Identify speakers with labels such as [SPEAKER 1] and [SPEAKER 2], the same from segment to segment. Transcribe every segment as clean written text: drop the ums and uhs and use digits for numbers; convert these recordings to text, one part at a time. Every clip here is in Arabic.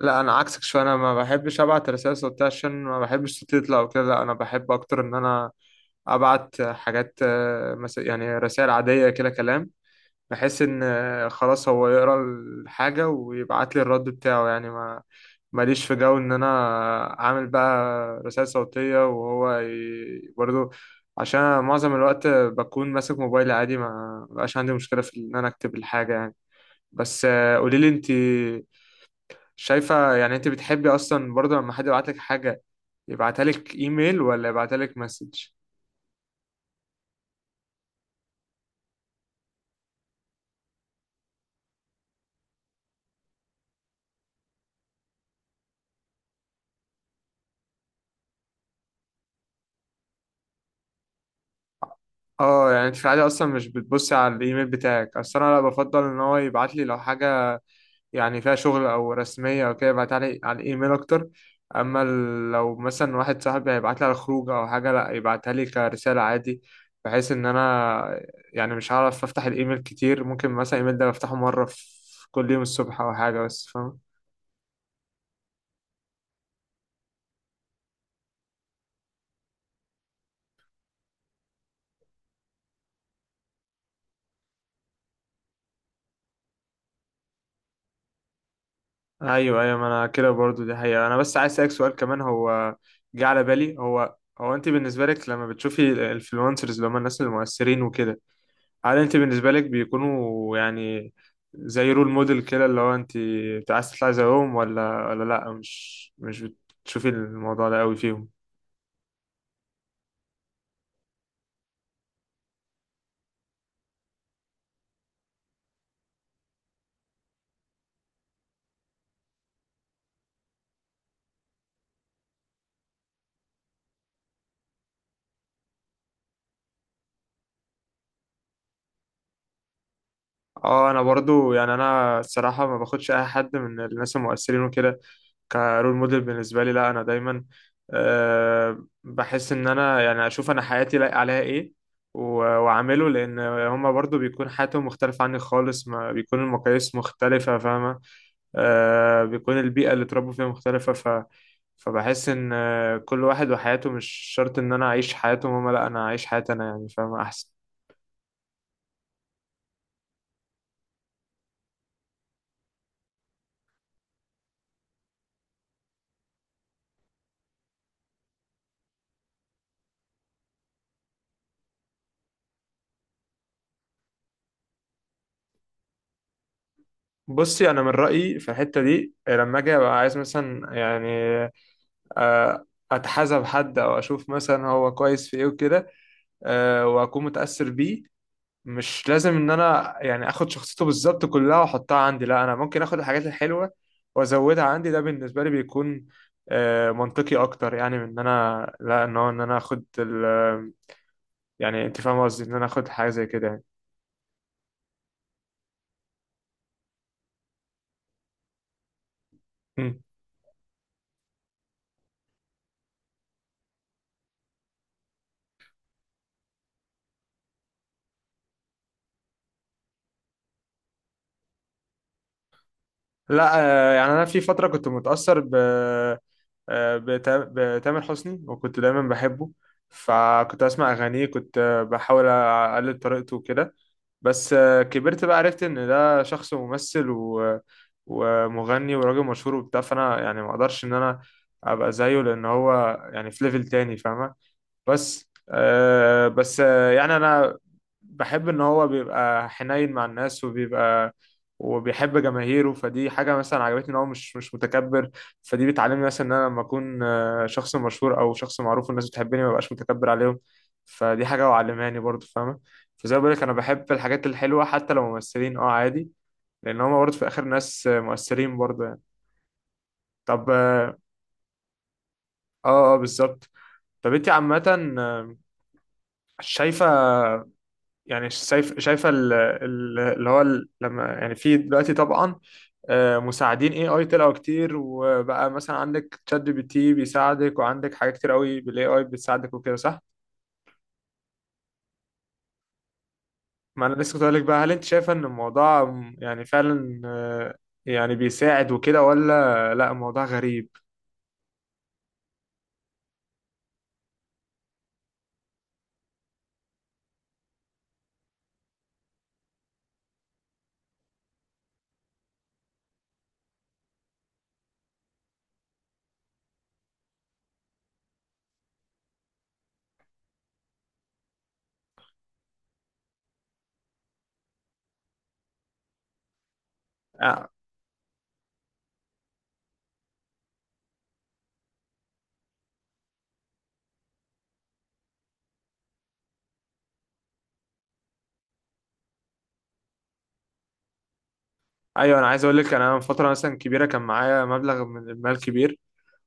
[SPEAKER 1] لا انا عكسك شويه، انا ما بحبش ابعت رسائل صوتيه عشان ما بحبش صوتي يطلع وكده. لا انا بحب اكتر ان انا ابعت حاجات رسائل عاديه كده كلام، بحيث ان خلاص هو يقرا الحاجه ويبعت لي الرد بتاعه، يعني ما ماليش في جو ان انا اعمل بقى رسائل صوتيه برضو، عشان أنا معظم الوقت بكون ماسك موبايلي عادي، ما بقاش عندي مشكله في ان انا اكتب الحاجه يعني. بس قولي لي انت، شايفة يعني انت بتحبي اصلا برضه لما حد يبعت لك حاجة، يبعتها لك ايميل ولا يبعتها لك مسج؟ اه يعني انت في العادة اصلا مش بتبصي على الايميل بتاعك، اصل انا لا بفضل ان هو يبعت لي لو حاجة يعني فيها شغل او رسمية او كده يبعتها لي على الايميل اكتر. لو مثلا واحد صاحبي هيبعت لي على الخروج او حاجة، لا يبعتها لي كرسالة عادي، بحيث ان انا يعني مش هعرف افتح الايميل كتير. ممكن مثلا الايميل ده بفتحه مرة في كل يوم الصبح او حاجة، بس فاهم؟ ايوه، ما انا كده برضو، دي حقيقة. انا بس عايز اسالك سؤال كمان، هو جه على بالي. هو انت بالنسبة لك لما بتشوفي الانفلونسرز اللي هم الناس المؤثرين وكده، هل انت بالنسبة لك بيكونوا يعني زي رول موديل كده اللي هو انت عايز تطلعي زيهم، ولا لا، مش بتشوفي الموضوع ده قوي فيهم؟ اه انا برضو يعني انا الصراحة ما باخدش اي حد من الناس المؤثرين وكده كرول موديل بالنسبة لي. لا أنا دايما أه بحس إن أنا يعني أشوف أنا حياتي لايق عليها إيه و- وأعمله، لأن هما برضو بيكون حياتهم مختلفة عني خالص، ما بيكون المقاييس مختلفة، فاهمة؟ أه بيكون البيئة اللي اتربوا فيها مختلفة، فبحس إن كل واحد وحياته، مش شرط إن أنا أعيش حياتهم هما، لا أنا أعيش حياتي أنا يعني، فاهمة أحسن؟ بصي، أنا من رأيي في الحتة دي، لما أجي أبقى عايز مثلا يعني آه، اتحاسب حد او اشوف مثلا هو كويس في ايه وكده، واكون متاثر بيه، مش لازم ان انا يعني اخد شخصيته بالظبط كلها واحطها عندي. لا انا ممكن اخد الحاجات الحلوه وازودها عندي، ده بالنسبه لي بيكون منطقي اكتر، يعني من ان انا لا ان هو ان انا اخد ال يعني، انت فاهم قصدي، ان انا اخد حاجه زي كده. يعني لا يعني انا في فتره كنت متاثر بتامر حسني، وكنت دايما بحبه، فكنت اسمع اغانيه، كنت بحاول اقلد طريقته وكده. بس كبرت بقى، عرفت ان ده شخص ممثل ومغني وراجل مشهور وبتاع، فانا يعني ما اقدرش ان انا ابقى زيه، لان هو يعني في ليفل تاني، فاهمه؟ بس يعني انا بحب ان هو بيبقى حنين مع الناس، وبيحب جماهيره، فدي حاجة مثلا عجبتني، ان هو مش متكبر. فدي بتعلمني مثلا ان انا لما اكون شخص مشهور او شخص معروف والناس بتحبني، ما بقاش متكبر عليهم. فدي حاجة وعلماني برضو، فاهمة؟ فزي ما بقولك، انا بحب الحاجات الحلوة حتى لو ممثلين، اه عادي، لان هما برضو في الاخر ناس مؤثرين برضو يعني. طب اه، اه بالظبط. طب انت عامة شايفة يعني، شايف شايفه ال- ال- اللي هو ال- لما يعني في دلوقتي طبعا مساعدين اي اي طلعوا كتير، وبقى مثلا عندك شات جي بي تي بيساعدك، وعندك حاجات كتير قوي بالاي اي بتساعدك وكده، صح؟ ما انا لسه كنت هقولك بقى، هل انت شايفه ان الموضوع يعني فعلا يعني بيساعد وكده، ولا لا الموضوع غريب؟ آه، ايوه، انا عايز اقول لك، انا من فتره مثلا كبيره كان معايا مبلغ من المال كبير،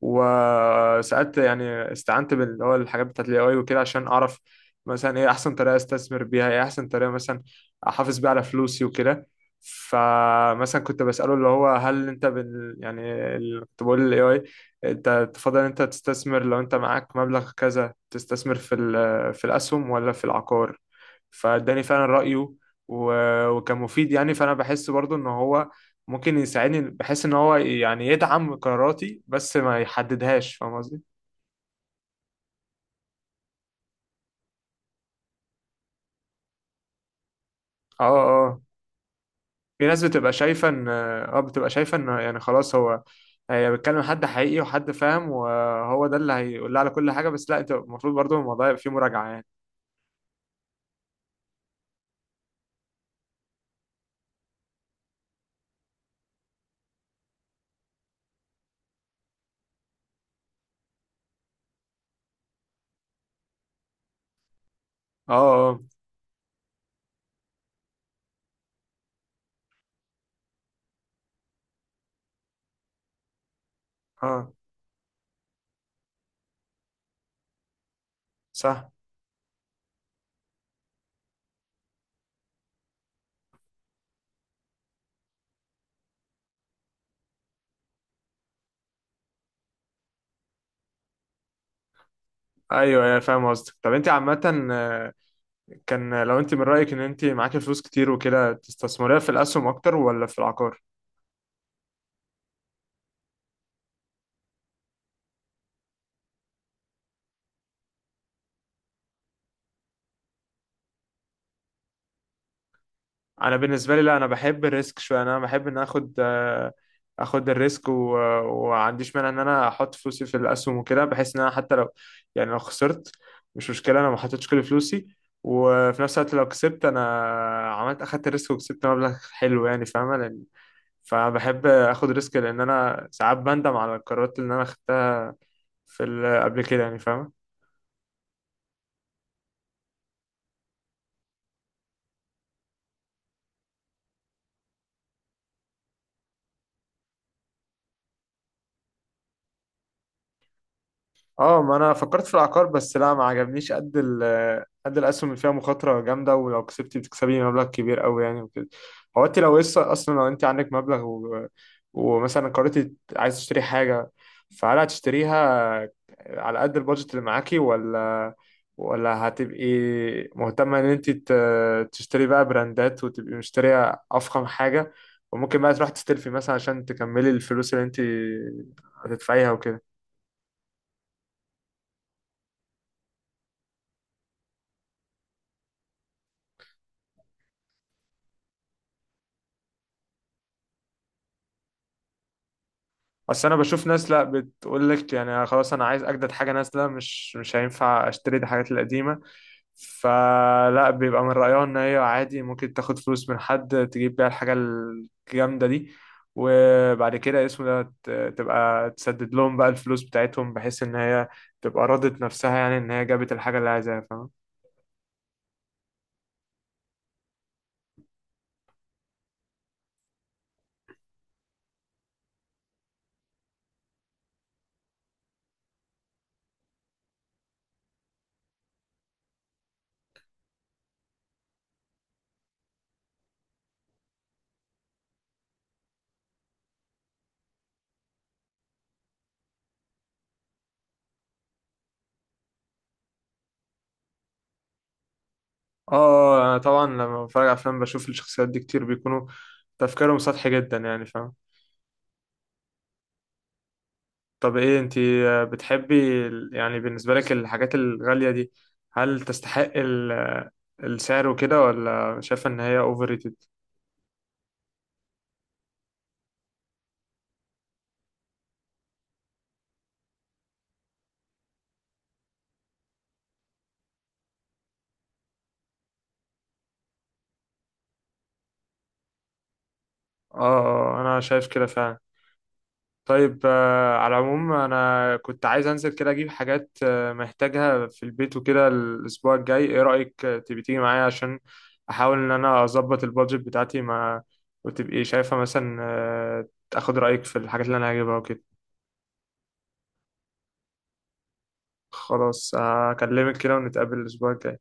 [SPEAKER 1] وساعات يعني استعنت باللي هو الحاجات بتاعت الاي اي وكده، عشان اعرف مثلا ايه احسن طريقه استثمر بيها، ايه احسن طريقه مثلا احافظ بيها على فلوسي وكده. فمثلا كنت بساله، اللي هو هل انت كنت بقول للاي اي انت تفضل، انت تستثمر لو انت معاك مبلغ كذا تستثمر في الاسهم ولا في العقار؟ فاداني فعلا رايه وكان مفيد يعني، فانا بحس برضو ان هو ممكن يساعدني، بحيث ان هو يعني يدعم قراراتي بس ما يحددهاش، فاهم قصدي؟ اه، اه، في ناس بتبقى شايفه ان اه بتبقى شايفه ان يعني خلاص، هو هي بتكلم حد حقيقي وحد فاهم وهو ده اللي هيقول لها على كل حاجه، بس لا، انت المفروض برضو الموضوع يبقى فيه مراجعه يعني. اه، اه، اه، صح. ايوه فاهم قصدك. طب انت عامه كان لو انت من رايك ان انت معاكي فلوس كتير وكده، تستثمريها في الاسهم اكتر ولا في العقار؟ انا بالنسبه لي لا، انا بحب الريسك شويه، انا بحب ان اخد اخد الريسك وما عنديش مانع ان انا احط فلوسي في الاسهم وكده، بحيث ان انا حتى لو يعني لو خسرت، مش مشكله، انا ما حطيتش كل فلوسي، وفي نفس الوقت لو كسبت، انا عملت اخدت الريسك وكسبت مبلغ حلو يعني، فاهمه؟ لان فبحب اخد ريسك، لان انا ساعات بندم على القرارات اللي انا خدتها قبل كده يعني، فاهمه؟ اه ما انا فكرت في العقار، بس لا ما عجبنيش قد الاسهم، اللي فيها مخاطره جامده، ولو كسبتي بتكسبي مبلغ كبير قوي يعني وكده. هو انت لو لسه اصلا لو انت عندك مبلغ ومثلا قررتي عايز تشتري حاجه، فهل هتشتريها على قد البادجت اللي معاكي، ولا هتبقي مهتمه ان تشتري بقى براندات وتبقي مشتريه افخم حاجه، وممكن بقى تروح تستلفي مثلا عشان تكملي الفلوس اللي انت هتدفعيها وكده؟ بس انا بشوف ناس لا بتقول لك يعني خلاص انا عايز اجدد، حاجه نازله، مش هينفع اشتري الحاجات القديمه، فلا بيبقى من رايها ان هي عادي ممكن تاخد فلوس من حد تجيب بيها الحاجه الجامده دي، وبعد كده اسمه ده تبقى تسدد لهم بقى الفلوس بتاعتهم، بحيث ان هي تبقى راضت نفسها يعني ان هي جابت الحاجه اللي عايزاها، فاهم؟ اه انا طبعا لما بتفرج على افلام بشوف الشخصيات دي كتير بيكونوا تفكيرهم سطحي جدا يعني، فاهم؟ طب ايه، انت بتحبي يعني بالنسبة لك الحاجات الغالية دي، هل تستحق السعر وكده، ولا شايفة ان هي اوفر ريتد؟ اه انا شايف كده فعلا. طيب على العموم انا كنت عايز انزل كده اجيب حاجات محتاجها في البيت وكده الاسبوع الجاي، ايه رأيك تبي تيجي معايا عشان احاول ان انا اظبط البادجت بتاعتي، ما وتبقي شايفة مثلا تاخد رأيك في الحاجات اللي انا هجيبها وكده؟ خلاص هكلمك كده ونتقابل الاسبوع الجاي.